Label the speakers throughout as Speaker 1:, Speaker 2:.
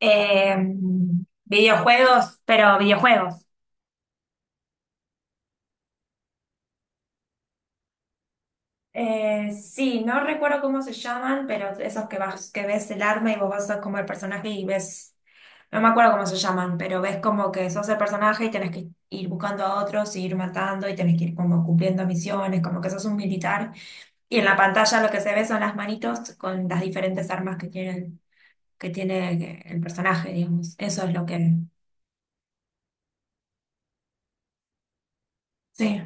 Speaker 1: Eh, Videojuegos, pero videojuegos. Sí, no recuerdo cómo se llaman, pero esos que vas, que ves el arma y vos vas como el personaje y ves, no me acuerdo cómo se llaman, pero ves como que sos el personaje y tenés que ir buscando a otros, y ir matando y tenés que ir como cumpliendo misiones, como que sos un militar. Y en la pantalla lo que se ve son las manitos con las diferentes armas que tienen, que tiene el personaje, digamos. Eso es lo que... Sí,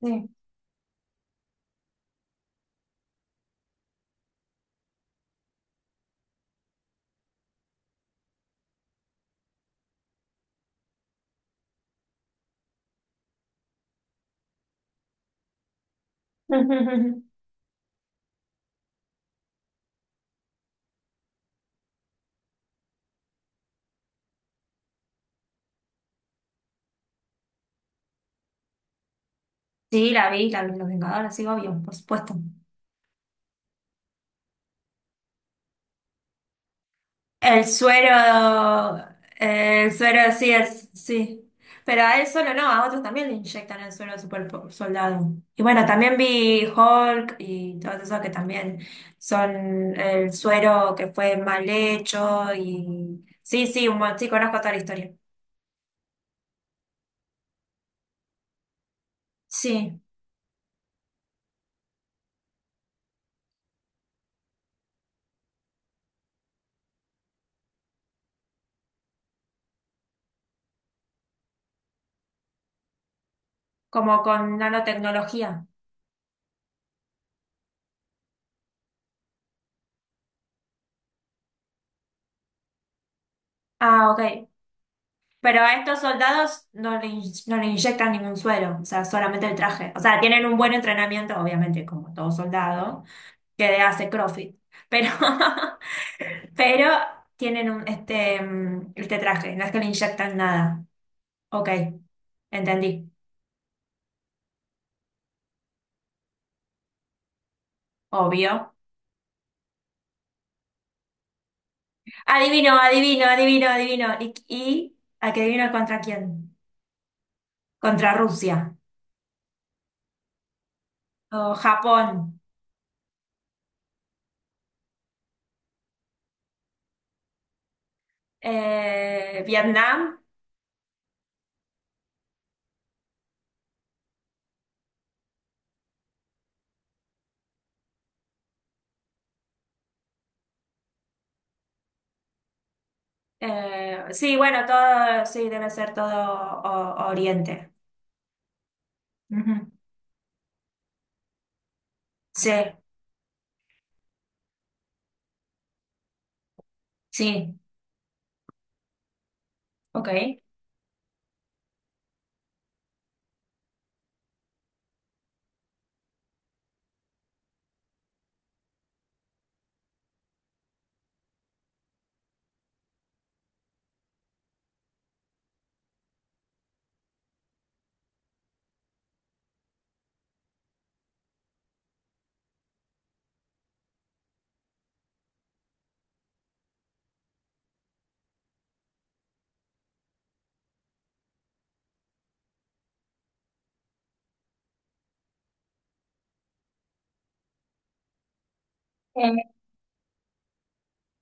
Speaker 1: sí. Sí, la vi, la, Los Vengadores, sí, obvio, por supuesto. El suero, el suero sí es, sí. Pero a él solo no, a otros también le inyectan el suero de soldado. Y bueno, también vi Hulk y todos esos que también son el suero que fue mal hecho y sí, sí, sí, conozco toda la historia. Sí, como con nanotecnología. Ah, ok. Pero a estos soldados no le inyectan ningún suero, o sea, solamente el traje. O sea, tienen un buen entrenamiento, obviamente, como todo soldado, que hace CrossFit. Pero, pero tienen este traje, no es que le inyectan nada. Ok, entendí. Obvio. Adivino, adivino, adivino, adivino. ¿Y, a qué adivino contra quién? Contra Rusia, o Japón, Vietnam. Sí, bueno, todo, sí, debe ser Oriente. Ujú. Sí, sí, ok.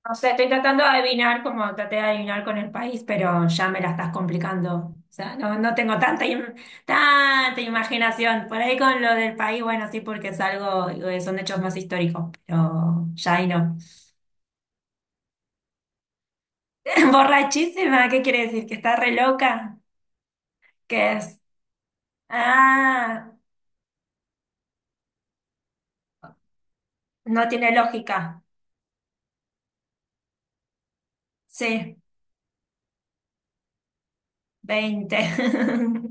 Speaker 1: No sé, estoy tratando de adivinar, como traté de adivinar con el país, pero ya me la estás complicando. O sea, no, no tengo tanta imaginación. Por ahí con lo del país, bueno, sí, porque es algo, son hechos más históricos, pero ya ahí no. Borrachísima, ¿qué quiere decir? ¿Que está re loca? ¿Qué es? Ah, no tiene lógica. Sí. 20.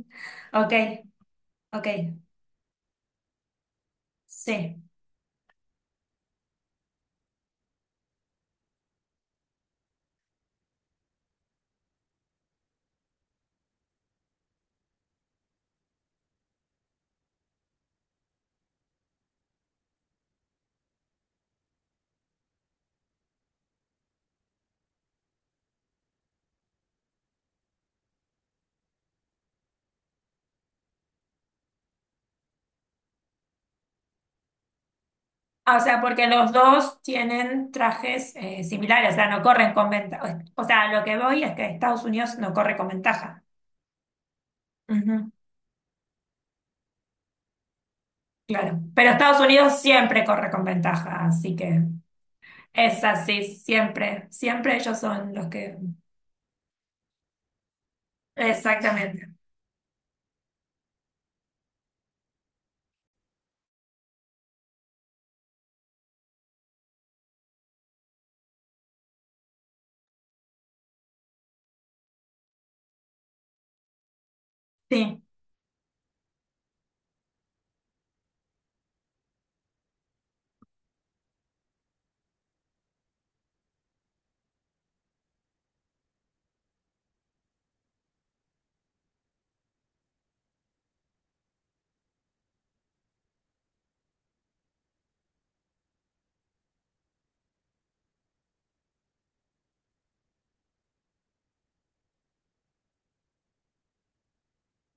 Speaker 1: Ok, ok, sí. Ah, o sea, porque los dos tienen trajes similares, o sea, no corren con ventaja. O sea, lo que voy es que Estados Unidos no corre con ventaja. Ujú. Claro, pero Estados Unidos siempre corre con ventaja, así que es así, siempre, siempre ellos son los que... Exactamente, sí.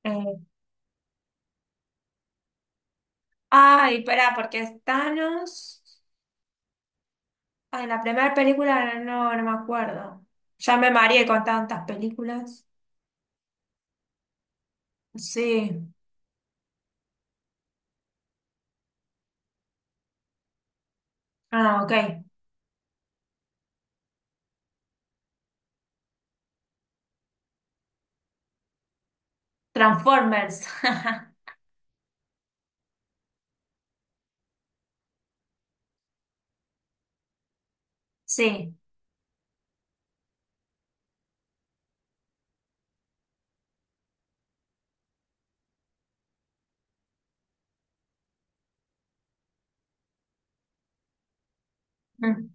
Speaker 1: Eh, Ay, pará, porque es Thanos. Ah, en la primera película no, no me acuerdo. Ya me mareé con tantas películas. Sí. Ah, ok. Transformers. Sí. Mm,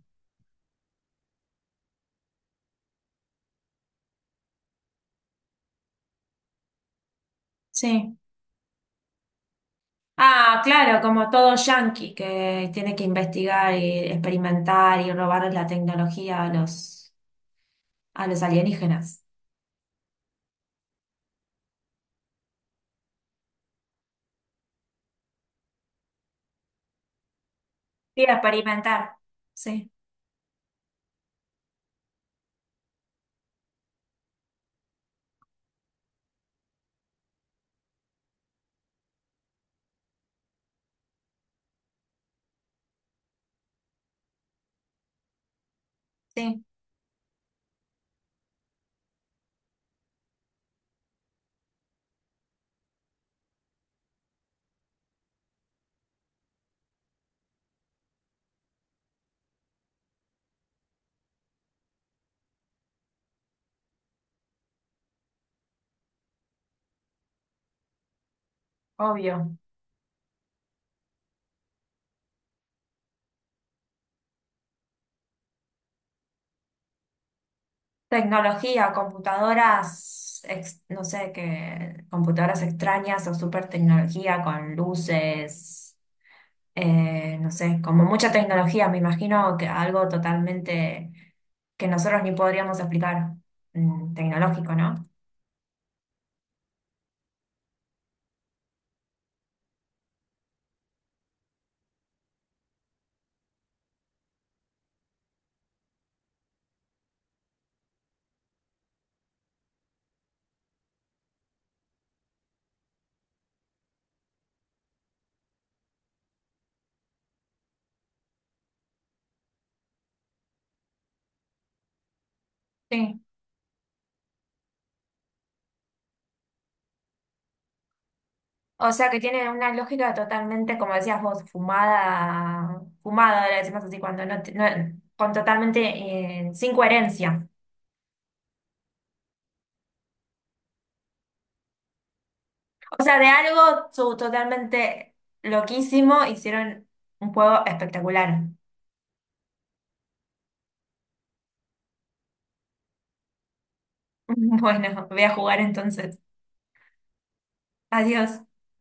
Speaker 1: sí. Ah, claro, como todo yankee que tiene que investigar y experimentar y robar la tecnología a los alienígenas. Sí, experimentar. Sí, sí, obvio. Tecnología, computadoras, no sé qué, computadoras extrañas o super tecnología con luces, no sé, como mucha tecnología, me imagino que algo totalmente que nosotros ni podríamos explicar, mm, tecnológico, ¿no? Sí. O sea que tiene una lógica totalmente, como decías vos, fumada, fumada, le decimos así, cuando no, con totalmente, sin coherencia. O sea, totalmente loquísimo hicieron un juego espectacular. Bueno, voy a jugar entonces. Adiós.